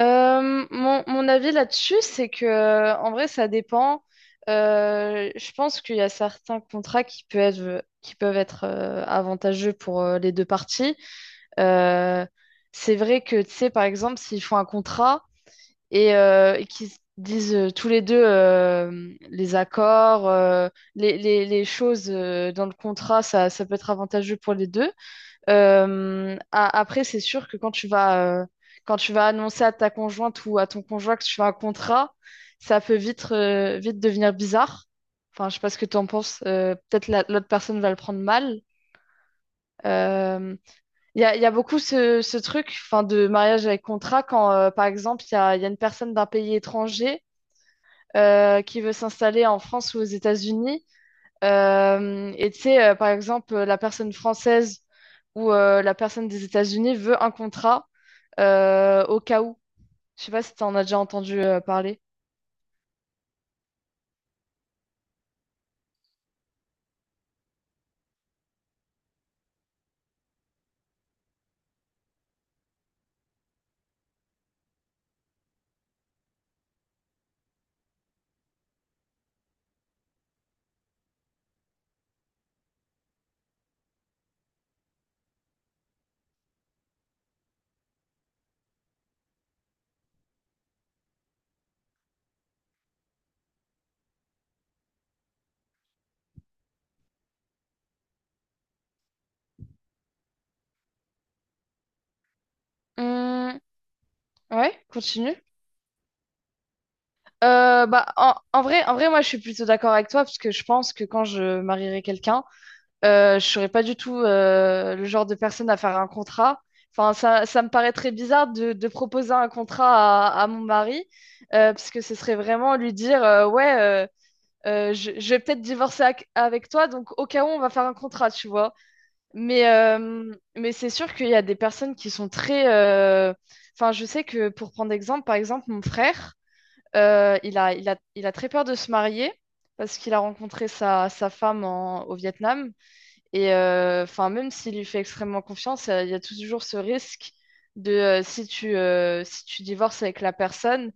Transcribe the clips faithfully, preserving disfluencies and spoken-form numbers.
Euh, mon, mon avis là-dessus, c'est que euh, en vrai, ça dépend. Euh, je pense qu'il y a certains contrats qui peuvent être, qui peuvent être euh, avantageux pour euh, les deux parties. Euh, c'est vrai que, tu sais, par exemple, s'ils font un contrat et, euh, et qu'ils se disent euh, tous les deux, euh, les accords, euh, les, les, les choses euh, dans le contrat, ça, ça peut être avantageux pour les deux. Euh, a- après, c'est sûr que quand tu vas, euh, quand tu vas annoncer à ta conjointe ou à ton conjoint que tu fais un contrat, ça peut vite, euh, vite devenir bizarre. Enfin, je sais pas ce que tu en penses. euh, Peut-être la- l'autre personne va le prendre mal. Euh, Il y a, il y a beaucoup ce, ce truc, enfin, de mariage avec contrat quand, euh, par exemple, il y a, il y a une personne d'un pays étranger euh, qui veut s'installer en France ou aux États-Unis. Euh, et tu sais, euh, par exemple, euh, la personne française ou euh, la personne des États-Unis veut un contrat euh, au cas où. Je sais pas si tu en as déjà entendu euh, parler. Hum, ouais, continue. Euh, bah, en, en vrai, en vrai, moi, je suis plutôt d'accord avec toi parce que je pense que quand je marierai quelqu'un, euh, je serais pas du tout euh, le genre de personne à faire un contrat. Enfin, ça, ça me paraît très bizarre de, de proposer un contrat à, à mon mari euh, parce que ce serait vraiment lui dire, euh, ouais. euh, euh, je, je vais peut-être divorcer ac- avec toi, donc au cas où on va faire un contrat, tu vois. Mais, euh, mais c'est sûr qu'il y a des personnes qui sont très... euh, Enfin, je sais que pour prendre exemple, par exemple, mon frère, euh, il a, il a, il a très peur de se marier parce qu'il a rencontré sa, sa femme en- au Vietnam. Et euh, enfin, même s'il lui fait extrêmement confiance, euh, il y a toujours ce risque de euh, si tu, euh, si tu divorces avec la personne.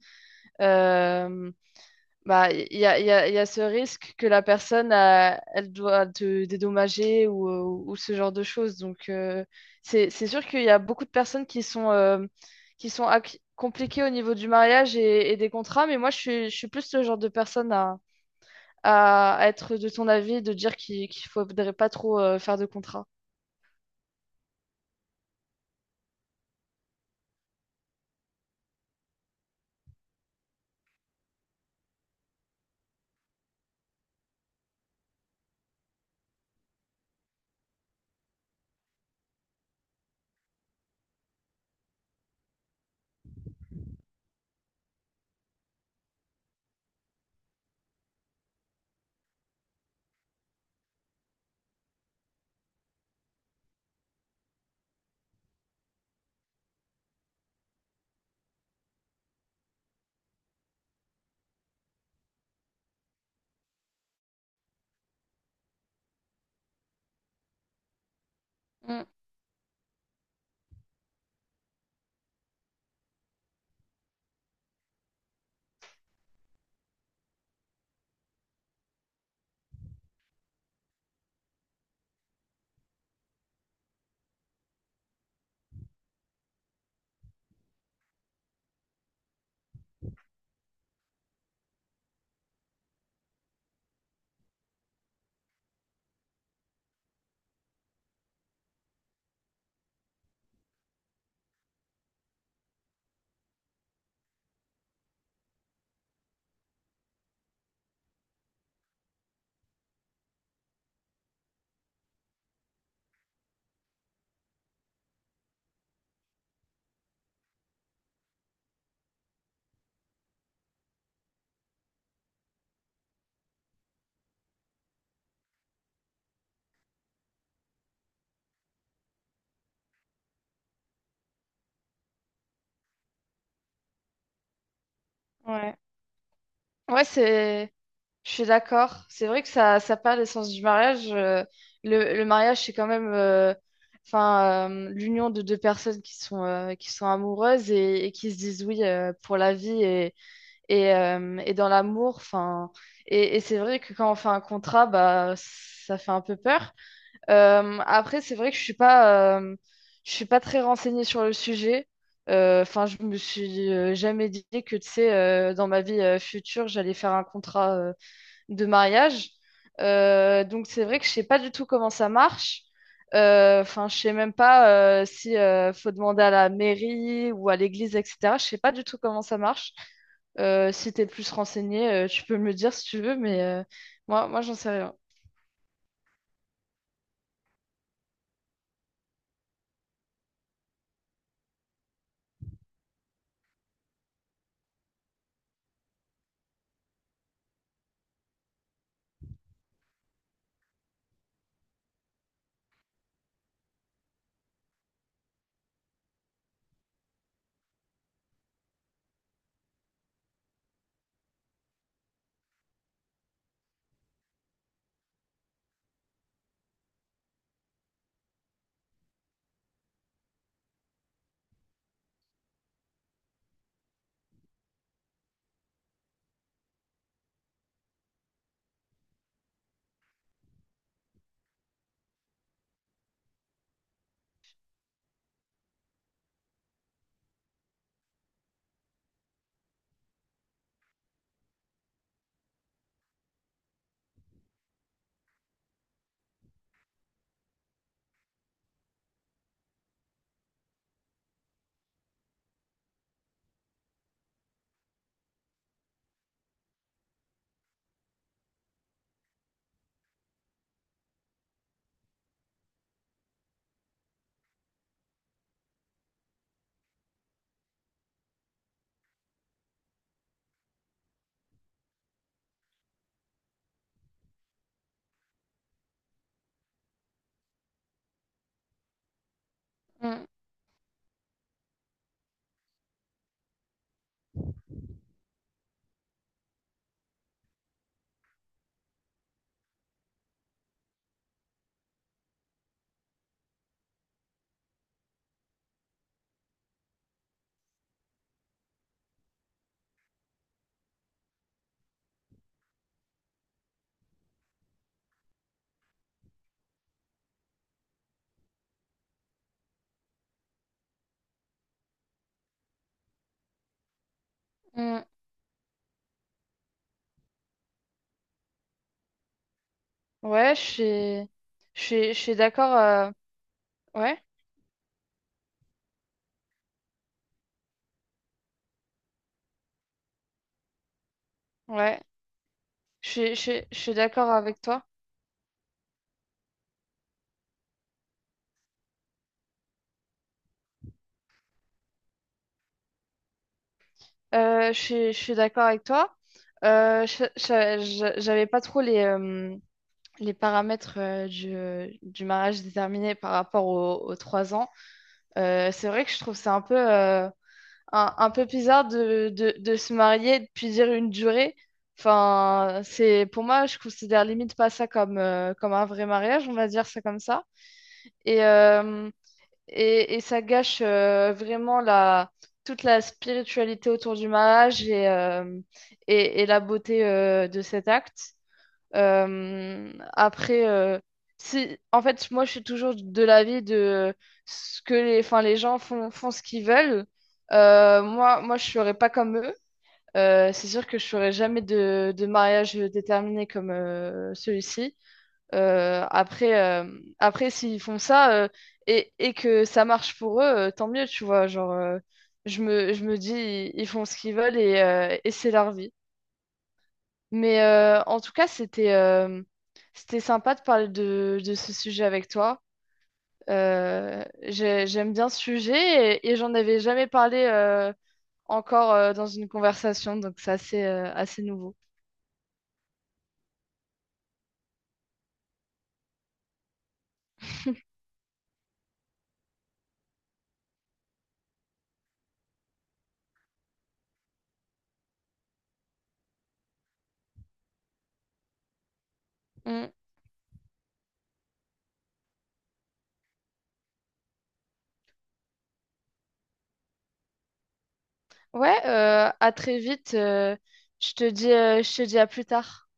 Euh, bah, il y a, il y a, Il y a ce risque que la personne, euh, elle doit te dédommager ou, euh, ou ce genre de choses. Donc, euh, c'est, c'est sûr qu'il y a beaucoup de personnes qui sont, euh, qui sont ac- compliquées au niveau du mariage et, et des contrats, mais moi, je suis, je suis plus le genre de personne à, à être de ton avis, de dire qu'il qu'il faudrait pas trop euh, faire de contrats. Mm. Ouais. Ouais, c'est. Je suis d'accord. C'est vrai que ça, ça perd l'essence du mariage. euh, Le, le mariage, c'est quand même euh, enfin, euh, l'union de deux personnes qui sont, euh, qui sont amoureuses et, et qui se disent oui euh, pour la vie et, et, euh, et dans l'amour. Enfin, et et c'est vrai que quand on fait un contrat, bah, ça fait un peu peur. Euh, après, c'est vrai que je suis pas, euh, je suis pas très renseignée sur le sujet. Euh, Enfin, je me suis euh, jamais dit que, tu sais, euh, dans ma vie euh, future, j'allais faire un contrat. euh, de mariage. Euh, donc c'est vrai que je sais pas du tout comment ça marche. Euh, Enfin, je sais même pas euh, si euh, faut demander à la mairie ou à l'église, et cetera. Je sais pas du tout comment ça marche. Euh, si t'es plus renseigné, euh, tu peux me le dire si tu veux, mais euh, moi, moi, j'en sais rien. Mm, mm. Ouais, je suis, je suis, je suis d'accord. euh, Ouais, ouais. Je suis, je suis- je suis d'accord avec toi. Euh, je suis, je suis d'accord avec toi. Euh, je- je- je- j'avais pas trop les, euh, les paramètres euh, du, euh, du mariage déterminés par rapport aux, aux trois ans. Euh, c'est vrai que je trouve ça un peu, euh, un, un peu bizarre de, de, de se marier et de puis dire une durée. Enfin, c'est, pour moi, je considère limite pas ça comme, euh, comme un vrai mariage, on va dire ça comme ça. Et, euh, et, et ça gâche euh, vraiment la, toute la spiritualité autour du mariage et, euh, et, et la beauté euh, de cet acte. Euh, après, euh, Si, en fait, moi, je suis toujours de l'avis de ce que les, enfin, les gens font, font ce qu'ils veulent. Euh, moi, moi, je serais pas comme eux. Euh, c'est sûr que je ferai jamais de, de mariage déterminé comme euh, celui-ci. Euh, après, euh, après, s'ils font ça euh, et, et que ça marche pour eux, euh, tant mieux, tu vois. Genre, euh, je me, je me dis, ils font ce qu'ils veulent et, euh, et c'est leur vie. Mais euh, en tout cas, c'était euh, c'était sympa de parler de, de ce sujet avec toi. Euh, j'ai- j'aime bien ce sujet et, et j'en avais jamais parlé euh, encore euh, dans une conversation, donc c'est assez, euh, assez nouveau. Mm. Ouais, euh, à très vite. euh, je te dis, euh, Je te dis à plus tard.